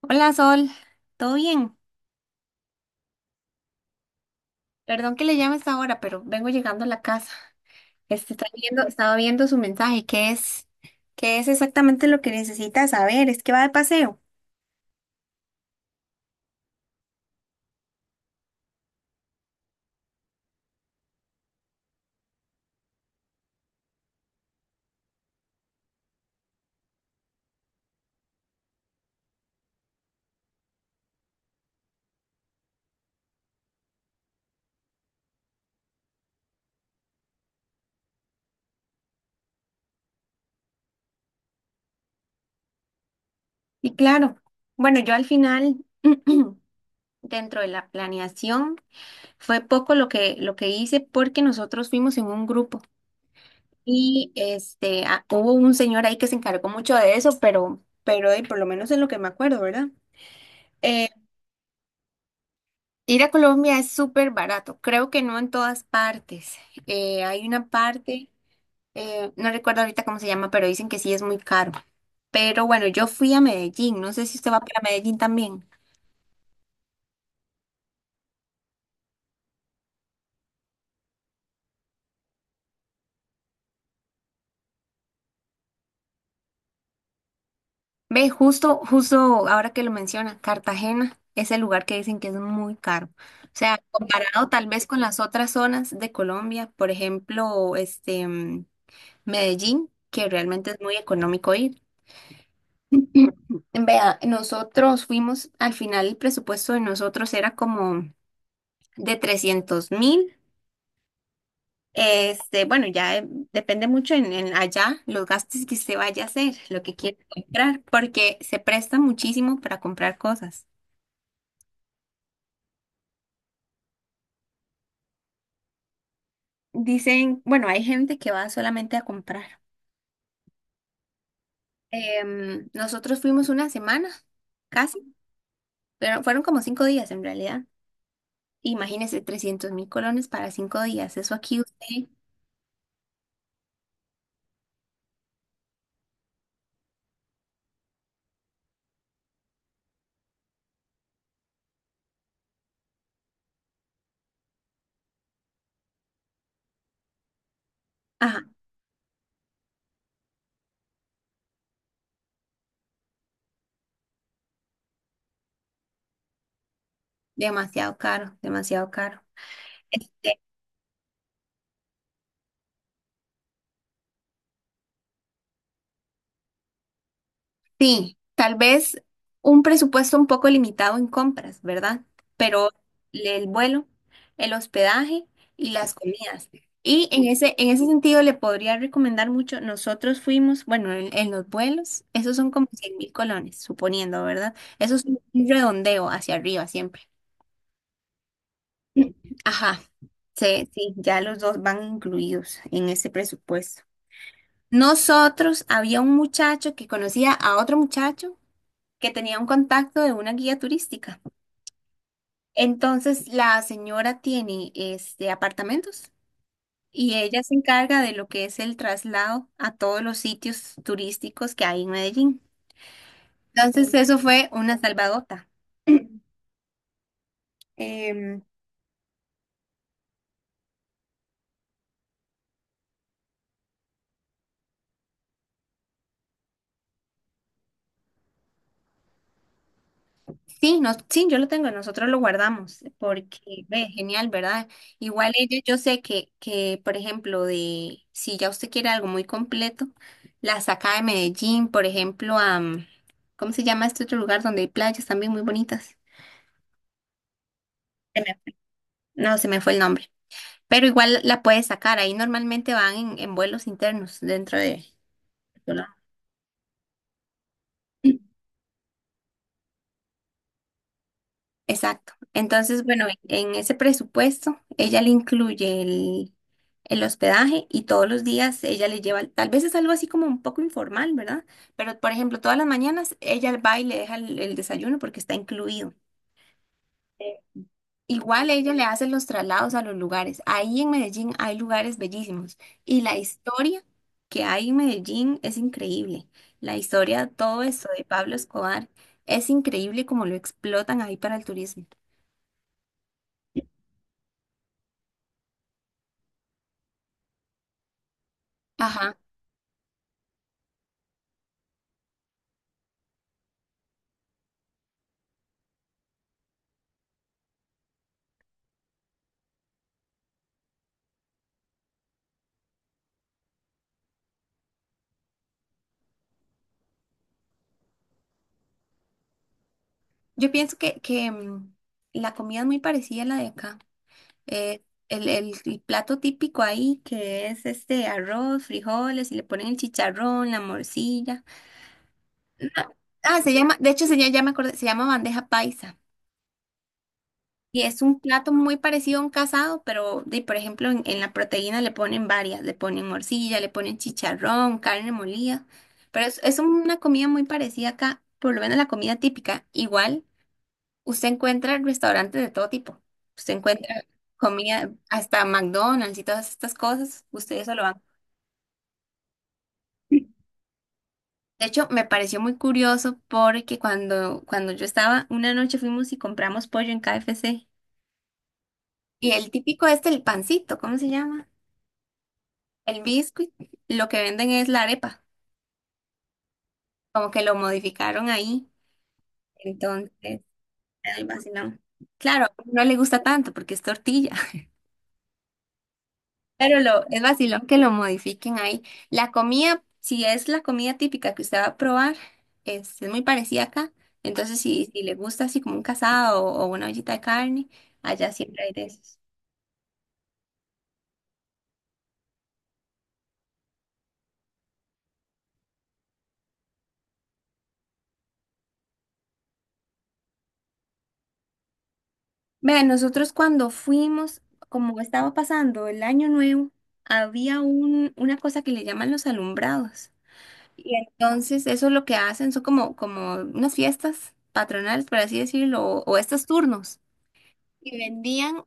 Hola Sol, ¿todo bien? Perdón que le llame a esta hora, pero vengo llegando a la casa. Estaba viendo su mensaje, ¿qué es? ¿Qué es exactamente lo que necesita saber? Es que va de paseo. Y claro, bueno, yo al final, dentro de la planeación, fue poco lo que hice porque nosotros fuimos en un grupo. Y hubo un señor ahí que se encargó mucho de eso, pero, pero por lo menos es lo que me acuerdo, ¿verdad? Eh, Ir a Colombia es súper barato, creo que no en todas partes. Hay una parte, no recuerdo ahorita cómo se llama, pero dicen que sí es muy caro. Pero bueno, yo fui a Medellín, no sé si usted va para Medellín también. Ve, justo, justo ahora que lo menciona, Cartagena es el lugar que dicen que es muy caro. O sea, comparado tal vez con las otras zonas de Colombia, por ejemplo, Medellín, que realmente es muy económico ir. Vea, nosotros fuimos, al final el presupuesto de nosotros era como de 300.000. Este, bueno, ya eh, depende mucho en allá los gastos que usted vaya a hacer, lo que quiere comprar, porque se presta muchísimo para comprar cosas. Dicen, bueno, hay gente que va solamente a comprar. Nosotros fuimos una semana, casi, pero fueron como 5 días en realidad. Imagínese 300.000 colones para 5 días. Eso aquí usted... Ajá. Demasiado caro, demasiado caro. Este, sí, tal vez un presupuesto un poco limitado en compras, ¿verdad? Pero el vuelo, el hospedaje y las comidas. Y en ese sentido le podría recomendar mucho, nosotros fuimos, bueno, en los vuelos, esos son como 100.000 colones, suponiendo, ¿verdad? Eso es un redondeo hacia arriba siempre. Ajá, sí, sí, ya los dos van incluidos en ese presupuesto. Nosotros había un muchacho que conocía a otro muchacho que tenía un contacto de una guía turística. Entonces la señora tiene este apartamentos y ella se encarga de lo que es el traslado a todos los sitios turísticos que hay en Medellín. Entonces eso fue una salvadota. Em, Sí, no, sí, yo lo tengo, nosotros lo guardamos, porque ve, genial, ¿verdad? Igual ellos, yo sé que, por ejemplo, de si ya usted quiere algo muy completo, la saca de Medellín, por ejemplo, ¿cómo se llama este otro lugar donde hay playas también muy bonitas? Se me- No, se me fue el nombre, pero igual la puede sacar, ahí normalmente van en vuelos internos dentro de... Colombia. Exacto. Entonces, bueno, en ese presupuesto, ella le incluye el hospedaje y todos los días ella le lleva, tal vez es algo así como un poco informal, ¿verdad? Pero, por ejemplo, todas las mañanas ella va y le deja el desayuno porque está incluido. Eh, Igual ella le hace los traslados a los lugares. Ahí en Medellín hay lugares bellísimos y la historia que hay en Medellín es increíble. La historia, todo eso de Pablo Escobar, es increíble como lo explotan ahí para el turismo. Ajá. Yo pienso que la comida es muy parecida a la de acá. Eh, el plato típico ahí, que es este arroz, frijoles, y le ponen el chicharrón, la morcilla. Ah, se llama, de hecho, se llama, ya me acordé, se llama bandeja paisa. Y es un plato muy parecido a un casado, pero de, por ejemplo, en la proteína le ponen varias, le ponen morcilla, le ponen chicharrón, carne molida. Pero es una comida muy parecida acá, por lo menos la comida típica. Igual. Usted encuentra restaurantes de todo tipo. Usted encuentra comida, hasta McDonald's y todas estas cosas. Ustedes eso lo van. De hecho, me pareció muy curioso porque cuando, cuando yo estaba, una noche fuimos y compramos pollo en KFC. Y el típico este, el pancito, ¿cómo se llama? El biscuit. Lo que venden es la arepa. Como que lo modificaron ahí. Entonces, algo así, ¿no? Claro, no le gusta tanto porque es tortilla. Pero lo, es vacilón que lo modifiquen ahí. La comida, si es la comida típica que usted va a probar, es muy parecida acá. Entonces, si, si le gusta así como un casado o una ollita de carne, allá siempre hay de esos. Vean, nosotros cuando fuimos, como estaba pasando el año nuevo, había un, una cosa que le llaman los alumbrados. Y entonces eso lo que hacen son como, como unas fiestas patronales, por así decirlo, o estos turnos. Y vendían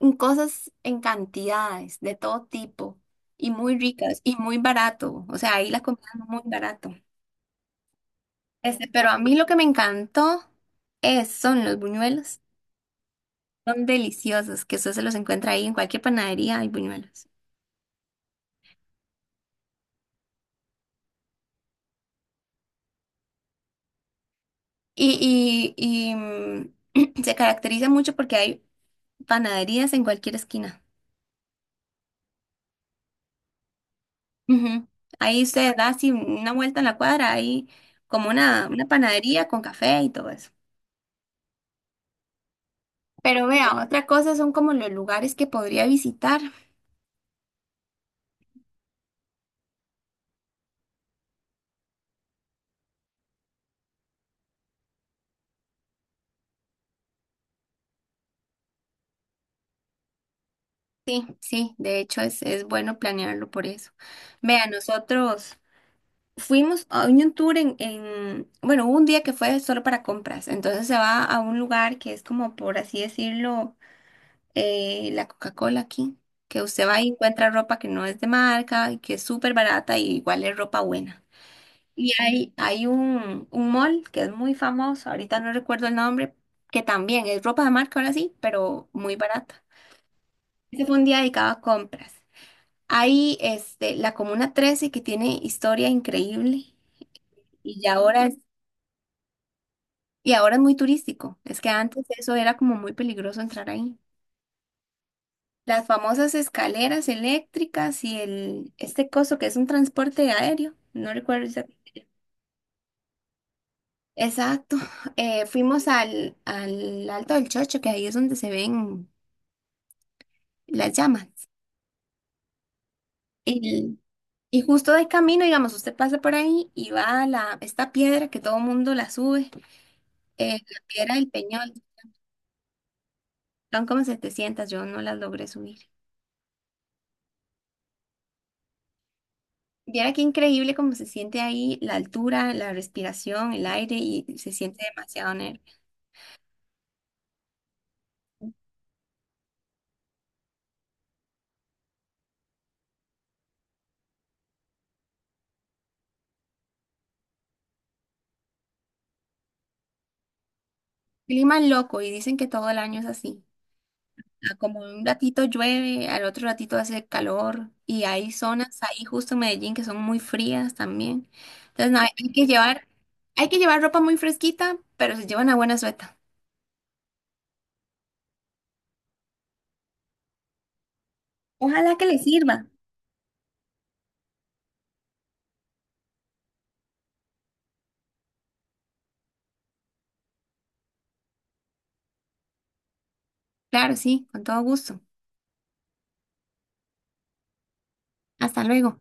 en cosas en cantidades, de todo tipo, y muy ricas, y muy barato. O sea, ahí las compraban muy barato. Pero a mí lo que me encantó es, son los buñuelos. Son deliciosos, que usted se los encuentra ahí en cualquier panadería, hay buñuelos. Y, y, y, mm, se caracteriza mucho porque hay panaderías en cualquier esquina. Ujú. Ahí usted da así una vuelta en la cuadra, hay como una panadería con café y todo eso. Pero vea, otra cosa son como los lugares que podría visitar. Sí, sí, de hecho es bueno planearlo por eso. Vea, nosotros fuimos a un tour en, bueno, hubo un día que fue solo para compras, entonces se va a un lugar que es como, por así decirlo, la Coca-Cola aquí, que usted va y encuentra ropa que no es de marca y que es súper barata y igual es ropa buena. Y hay un mall que es muy famoso, ahorita no recuerdo el nombre, que también es ropa de marca ahora sí, pero muy barata. Ese fue un día dedicado a compras. Hay este, la Comuna 13 que tiene historia increíble y ya ahora es, y ahora es muy turístico. Es que antes eso era como muy peligroso entrar ahí. Las famosas escaleras eléctricas y el, este coso que es un transporte aéreo, no recuerdo Exacto. Fuimos al, al Alto del Chocho, que ahí es donde se ven las llamas. Y, y justo de camino, digamos, usted pasa por ahí y va a la, esta piedra que todo mundo la sube, la piedra del Peñol. Son como 700, yo no las logré subir. Viera qué increíble cómo se siente ahí la altura, la respiración, el aire y se siente demasiado nervio. Clima loco y dicen que todo el año es así. Ah, como un ratito llueve, al otro ratito hace calor y hay zonas ahí justo en Medellín que son muy frías también. Entonces, no, hay hay que llevar ropa muy fresquita, pero se lleva una buena sueta. Ojalá que les sirva. Claro, sí, con todo gusto. Hasta luego.